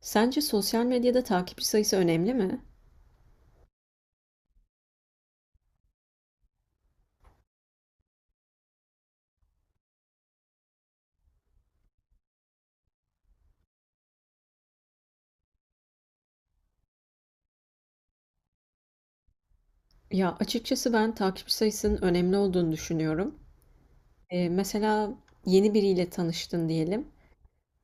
Sence sosyal medyada takipçi sayısı önemli mi? Ya, açıkçası ben takipçi sayısının önemli olduğunu düşünüyorum. Mesela yeni biriyle tanıştın diyelim.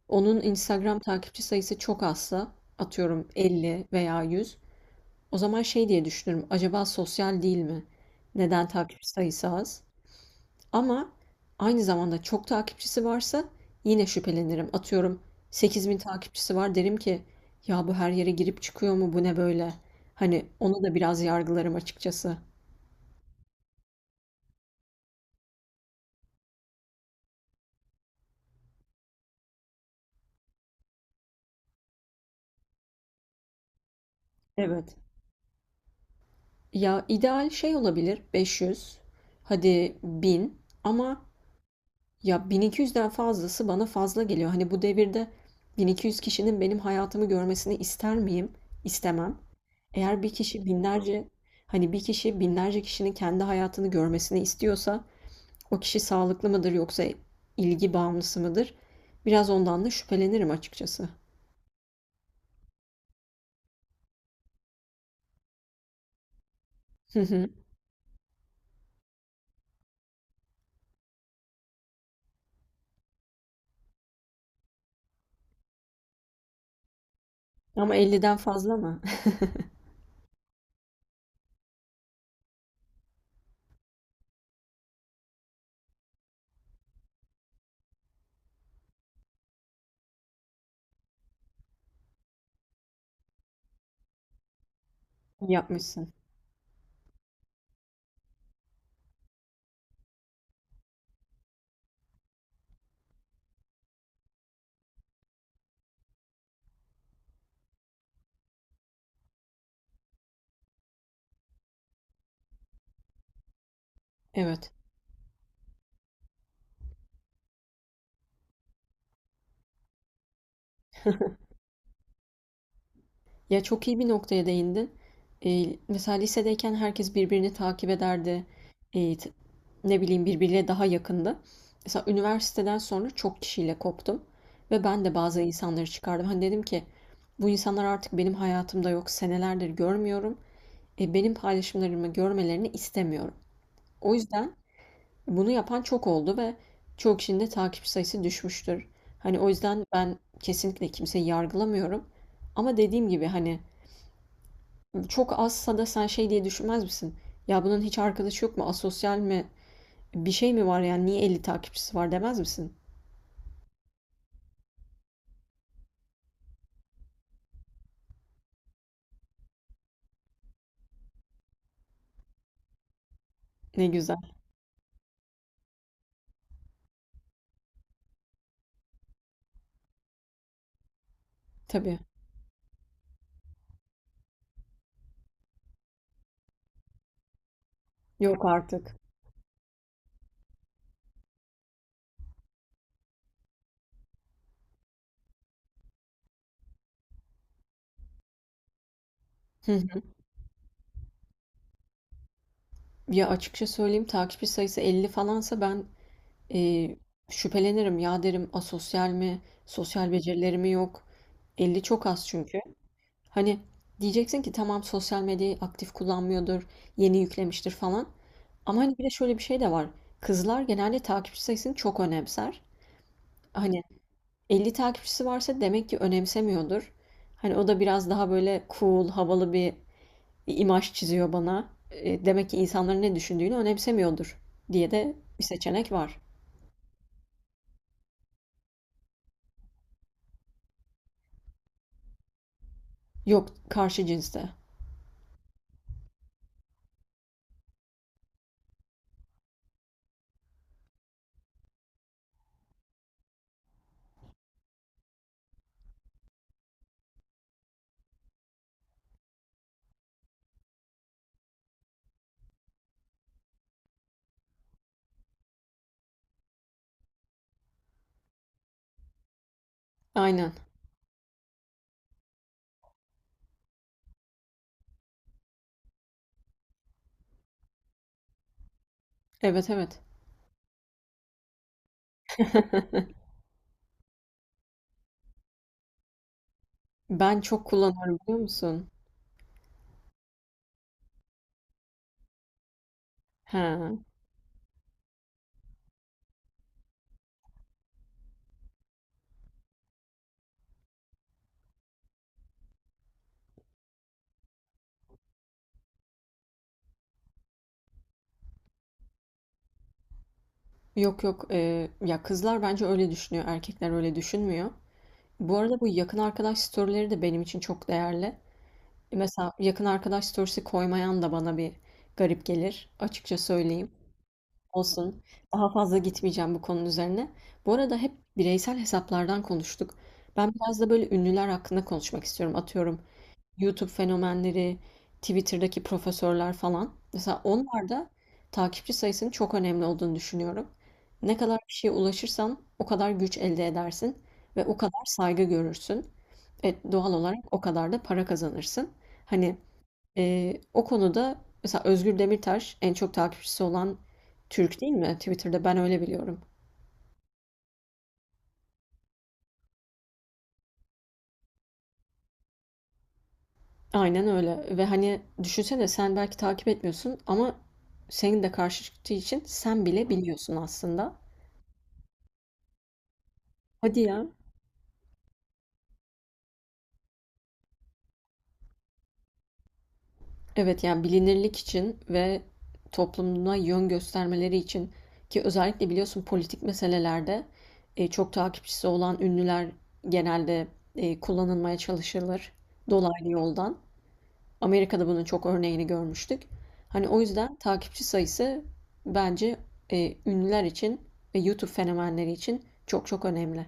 Onun Instagram takipçi sayısı çok azsa, atıyorum 50 veya 100, o zaman şey diye düşünürüm, acaba sosyal değil mi? Neden takipçi sayısı az? Ama aynı zamanda çok takipçisi varsa yine şüphelenirim. Atıyorum 8.000 takipçisi var derim ki ya bu her yere girip çıkıyor mu, bu ne böyle? Hani onu da biraz yargılarım açıkçası. Evet. Ya ideal şey olabilir 500, hadi bin, ama ya 1200'den fazlası bana fazla geliyor. Hani bu devirde 1200 kişinin benim hayatımı görmesini ister miyim? İstemem. Eğer bir kişi binlerce, hani bir kişi binlerce kişinin kendi hayatını görmesini istiyorsa, o kişi sağlıklı mıdır yoksa ilgi bağımlısı mıdır? Biraz ondan da şüphelenirim açıkçası. Hı hı. Ama 50'den fazla mı? Yapmışsın. Evet. Ya çok iyi bir noktaya değindin. Mesela lisedeyken herkes birbirini takip ederdi. Ee, t- ne bileyim, birbiriyle daha yakındı. Mesela üniversiteden sonra çok kişiyle koptum. Ve ben de bazı insanları çıkardım. Hani dedim ki bu insanlar artık benim hayatımda yok. Senelerdir görmüyorum. Benim paylaşımlarımı görmelerini istemiyorum. O yüzden bunu yapan çok oldu ve çoğu kişinin de takip sayısı düşmüştür. Hani o yüzden ben kesinlikle kimseyi yargılamıyorum. Ama dediğim gibi hani çok azsa da sen şey diye düşünmez misin? Ya bunun hiç arkadaşı yok mu? Asosyal mi? Bir şey mi var yani? Niye 50 takipçisi var demez misin? Ne güzel. Tabii. Yok artık. Hı hı. Ya açıkça söyleyeyim, takipçi sayısı 50 falansa ben e, şüphelenirim. Ya derim, asosyal mi? Sosyal becerileri mi yok? 50 çok az çünkü. Hani diyeceksin ki tamam, sosyal medyayı aktif kullanmıyordur, yeni yüklemiştir falan. Ama hani bir de şöyle bir şey de var. Kızlar genelde takipçi sayısını çok önemser. Hani 50 takipçisi varsa demek ki önemsemiyordur. Hani o da biraz daha böyle cool, havalı bir imaj çiziyor bana. Demek ki insanların ne düşündüğünü önemsemiyordur diye de bir seçenek var. Yok, karşı cinste. Aynen. Evet, evet. Ben çok kullanıyorum, biliyor musun? Ha. Yok, yok. Ya kızlar bence öyle düşünüyor. Erkekler öyle düşünmüyor. Bu arada bu yakın arkadaş storyleri de benim için çok değerli. Mesela yakın arkadaş storiesi koymayan da bana bir garip gelir. Açıkça söyleyeyim. Olsun. Daha fazla gitmeyeceğim bu konunun üzerine. Bu arada hep bireysel hesaplardan konuştuk. Ben biraz da böyle ünlüler hakkında konuşmak istiyorum. Atıyorum YouTube fenomenleri, Twitter'daki profesörler falan. Mesela onlar da takipçi sayısının çok önemli olduğunu düşünüyorum. Ne kadar kişiye ulaşırsan o kadar güç elde edersin ve o kadar saygı görürsün. Doğal olarak o kadar da para kazanırsın. Hani O konuda mesela Özgür Demirtaş en çok takipçisi olan Türk, değil mi? Twitter'da ben öyle biliyorum. Aynen öyle ve hani düşünsene, sen belki takip etmiyorsun ama senin de karşı çıktığı için sen bile biliyorsun aslında. Hadi ya. Evet, yani bilinirlik için ve toplumuna yön göstermeleri için, ki özellikle biliyorsun politik meselelerde çok takipçisi olan ünlüler genelde kullanılmaya çalışılır dolaylı yoldan. Amerika'da bunun çok örneğini görmüştük. Hani o yüzden takipçi sayısı bence ünlüler için ve YouTube fenomenleri için çok çok önemli.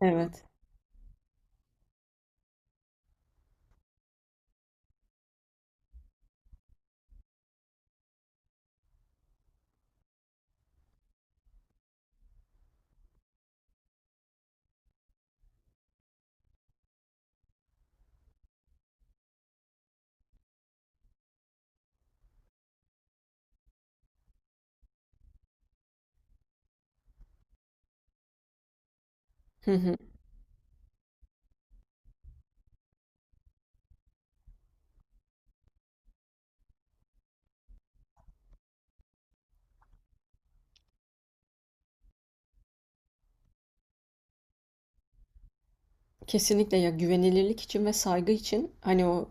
Evet. Hı hı. Kesinlikle, ya güvenilirlik için ve saygı için, hani o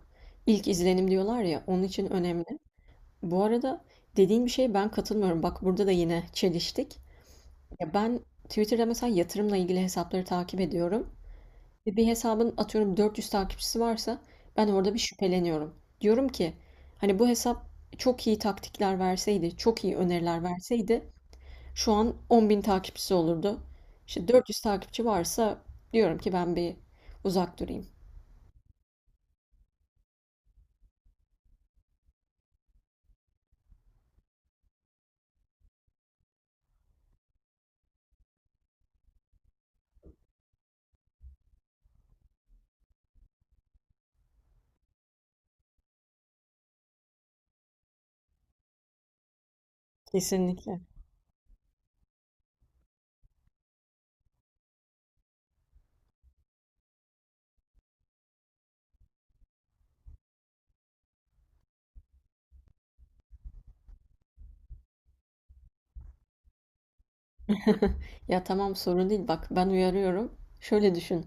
ilk izlenim diyorlar ya, onun için önemli. Bu arada dediğin bir şeye ben katılmıyorum. Bak burada da yine çeliştik. Ya ben Twitter'da mesela yatırımla ilgili hesapları takip ediyorum. Ve bir hesabın atıyorum 400 takipçisi varsa ben orada bir şüpheleniyorum. Diyorum ki hani bu hesap çok iyi taktikler verseydi, çok iyi öneriler verseydi şu an 10.000 takipçisi olurdu. İşte 400 takipçi varsa diyorum ki ben bir uzak durayım. Kesinlikle. Ya tamam, sorun değil, bak ben uyarıyorum. Şöyle düşün.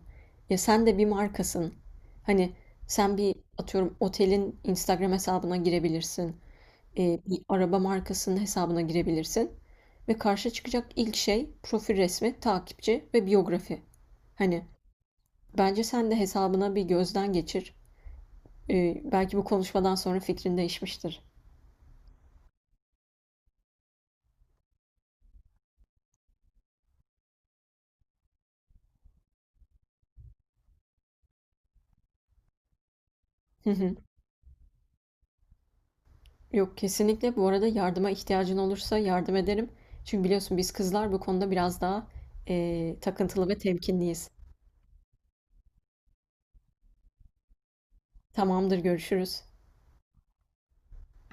Ya sen de bir markasın. Hani sen bir atıyorum otelin Instagram hesabına girebilirsin. Bir araba markasının hesabına girebilirsin ve karşı çıkacak ilk şey profil resmi, takipçi ve biyografi. Hani bence sen de hesabına bir gözden geçir. Belki bu konuşmadan sonra fikrin değişmiştir. Hı hı. Yok, kesinlikle, bu arada yardıma ihtiyacın olursa yardım ederim. Çünkü biliyorsun biz kızlar bu konuda biraz daha takıntılı ve temkinliyiz. Tamamdır, görüşürüz.